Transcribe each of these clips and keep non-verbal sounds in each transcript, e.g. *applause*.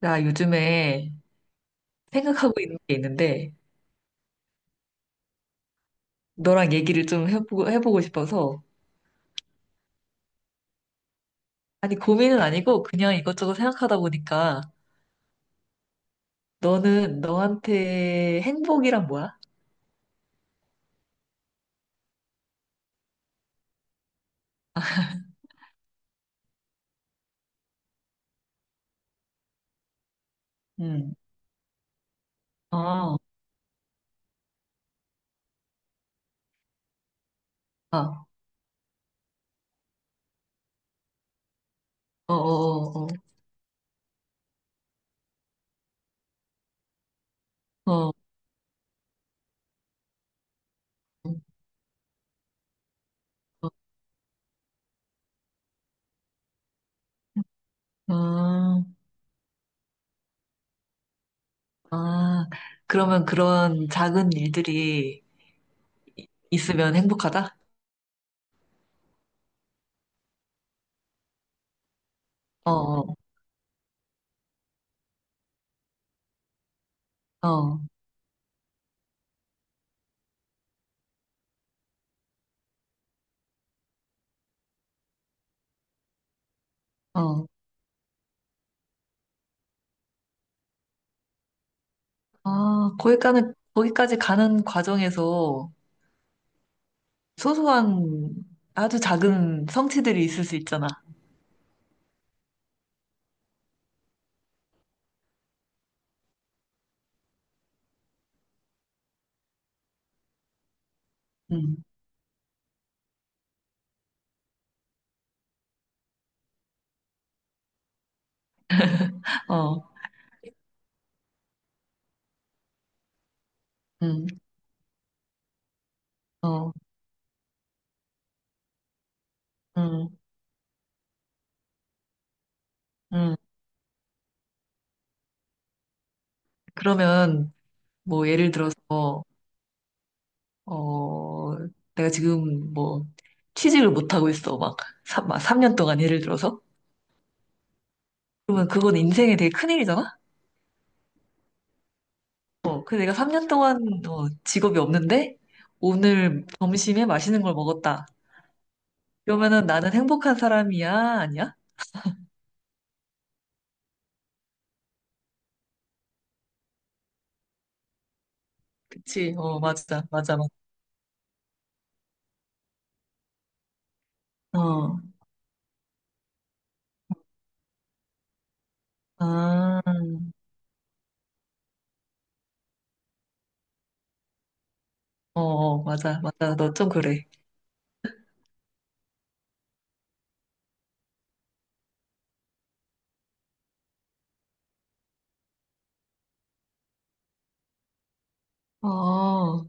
나 요즘에 생각하고 있는 게 있는데, 너랑 얘기를 좀 해보고 싶어서. 아니, 고민은 아니고, 그냥 이것저것 생각하다 보니까, 너한테 행복이란 뭐야? *laughs* 응. 아, 아, 어, 어, 어, 어, 어, 어, 어. 아, 그러면 그런 작은 일들이 있으면 행복하다? 어, 어, 어, 어. 아, 거기까지 가는 과정에서, 소소한 아주 작은 성취들이 있을 수 있잖아. 음, 어, 음, 어, 음, 음. 그러면 뭐 예를 들어서 어, 내가 지금 뭐 취직을 못 하고 있어. 막, 막삼 년 동안 예를 들어서. 그러면 그건 인생에 되게 큰일이잖아. 어, 그 내가 3년 동안 어, 직업이 없는데 오늘 점심에 맛있는 걸 먹었다. 그러면은 나는 행복한 사람이야? 아니야? 그치? 어, 맞아, 맞아, 맞아. 어, 아. 어, 어, 맞아, 맞아. 너 좀 그래. 어,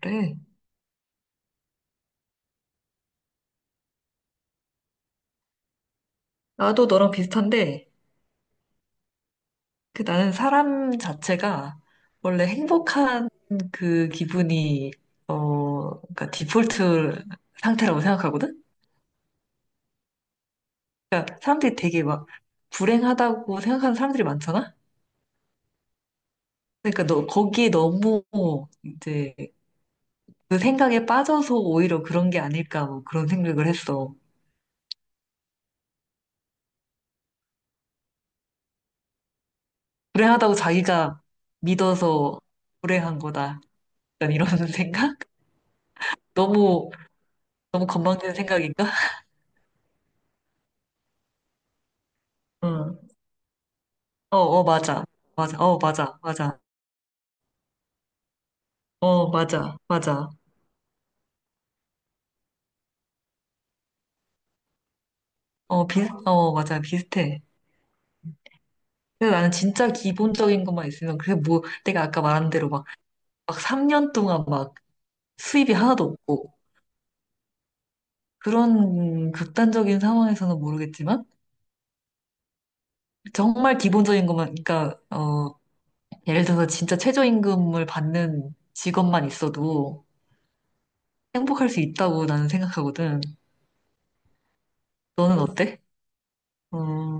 그래. 나도 너랑 비슷한데, 그 나는 사람 자체가 원래 행복한 그 기분이, 어, 그러니까 디폴트 상태라고 생각하거든? 사람들이 되게 막 불행하다고 생각하는 사람들이 많잖아? 그러니까 너, 거기에 너무 이제 그 생각에 빠져서 오히려 그런 게 아닐까 뭐 그런 생각을 했어. 불행하다고 자기가 믿어서 불행한 거다. 약간 이런 *laughs* 생각? 너무, 너무 건방진 생각인가? *laughs* 응. 어, 어, 맞아. 맞아. 어, 맞아. 맞아. 어, 맞아, 맞아. 어, 어, 맞아. 비슷해. 근데 나는 진짜 기본적인 것만 있으면, 그게 뭐, 내가 아까 말한 대로 막, 막 3년 동안 막 수입이 하나도 없고, 그런 극단적인 상황에서는 모르겠지만, 정말 기본적인 것만, 그러니까, 어, 예를 들어서 진짜 최저임금을 받는 직업만 있어도 행복할 수 있다고 나는 생각하거든. 너는 어때? 음,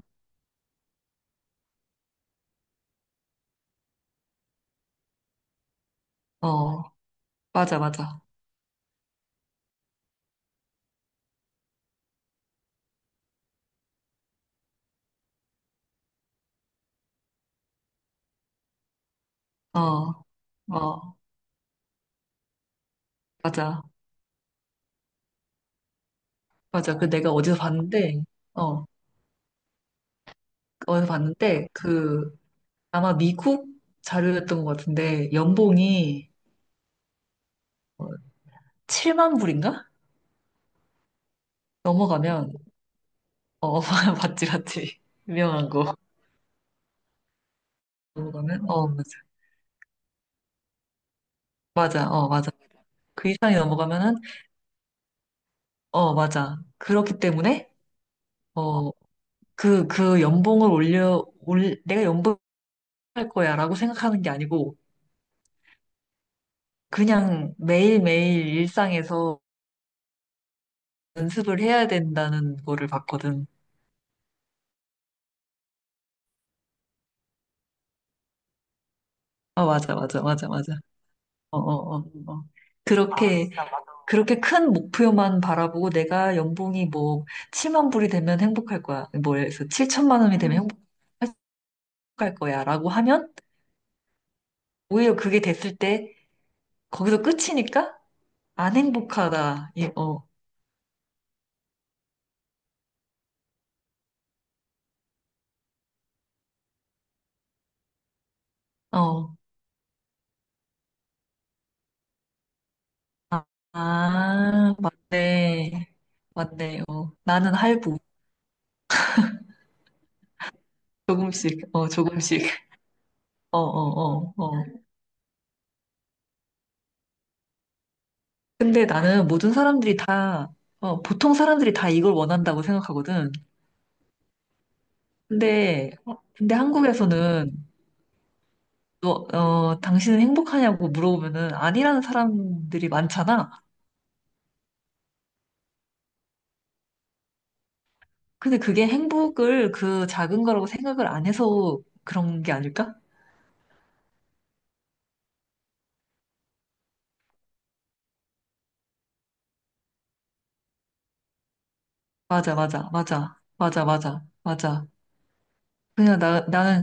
어, 맞아, 맞아. 어, 어, 맞아. 맞아. 그 내가 어, 어디서 봤는데, 그, 아마 미국 자료였던 것 같은데, 연봉이 7만 불인가? 넘어가면, 어, *laughs* 맞지, 맞지. 유명한 거. 넘어가면, 어, 맞아. 맞아, 어, 맞아. 그 이상이 넘어가면은, 어, 맞아. 그렇기 때문에, 어, 그 연봉을 내가 연봉할 거야 라고 생각하는 게 아니고, 그냥 매일매일 일상에서 연습을 해야 된다는 거를 봤거든. 아, 맞아, 맞아, 맞아, 맞아. 어, 어, 어, 어. 그렇게, 그렇게 큰 목표만 바라보고 내가 연봉이 뭐 7만 불이 되면 행복할 거야. 뭐 해서 7천만 원이 되면 행복할 거야. 라고 하면 오히려 그게 됐을 때 거기서 끝이니까 안 행복하다. 이, 어, 어. 아, 아, 맞네. 맞네. 어. 나는 할부. 조금씩, 어, 조금씩. 어, 어, 어, 어. 근데 나는 모든 사람들이 다, 어, 보통 사람들이 다 이걸 원한다고 생각하거든. 근데 한국에서는, 당신은 행복하냐고 물어보면은 아니라는 사람들이 많잖아. 근데 그게 행복을 그 작은 거라고 생각을 안 해서 그런 게 아닐까? 맞아, 맞아, 맞아, 맞아, 맞아, 맞아. 그냥 나는,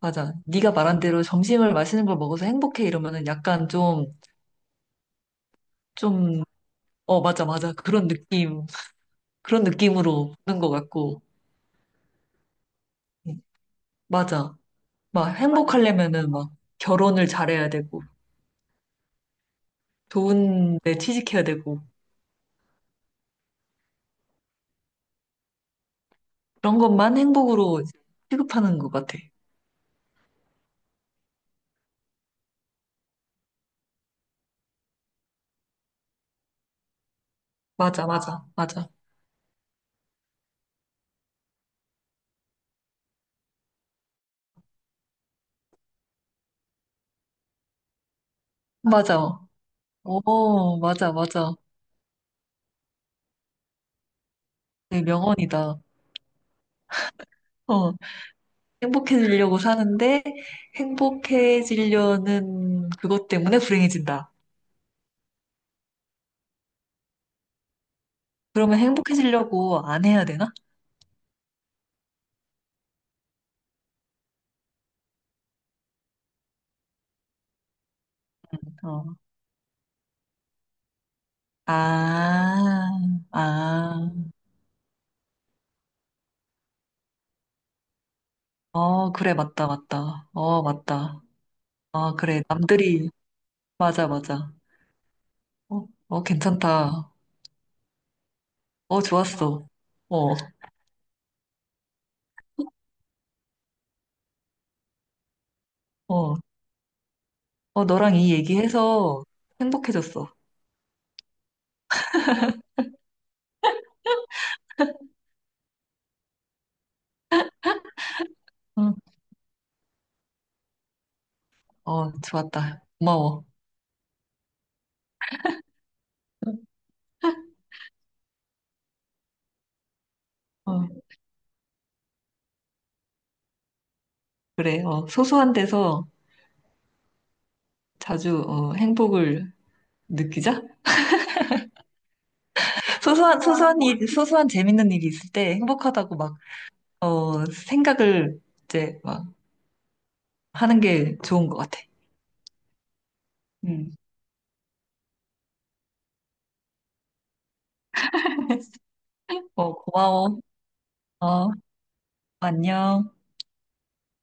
맞아. 네가 말한 대로 점심을 맛있는 걸 먹어서 행복해 이러면은 약간 좀, 좀, 어, 맞아, 맞아. 그런 느낌으로 보는 것 같고. 맞아. 막 행복하려면은 막 결혼을 잘해야 되고, 좋은 데 취직해야 되고, 그런 것만 행복으로 취급하는 것 같아. 맞아, 맞아, 맞아. 맞아. 오, 맞아, 맞아. 네, 명언이다. 어, 행복해지려고 사는데, 행복해지려는 그것 때문에 불행해진다. 그러면 행복해지려고 안 해야 되나? 어. 아, 아, 어, 그래, 맞다, 맞다. 어, 맞다. 어 그래. 남들이 맞아, 맞아. 어, 어, 괜찮다. 어, 좋았어. 어, 어, 어, 너랑 이 얘기해서 행복해졌어. 응, 어, 좋았다. 고마워. 어, 그래, 어, 소소한 데서 자주, 어, 행복을 느끼자? *laughs* 소소한 일, 소소한 재밌는 일이 있을 때 행복하다고 막, 어, 생각을 이제 막 하는 게 좋은 것 같아. 응, 어, 고마워. 어, 안녕.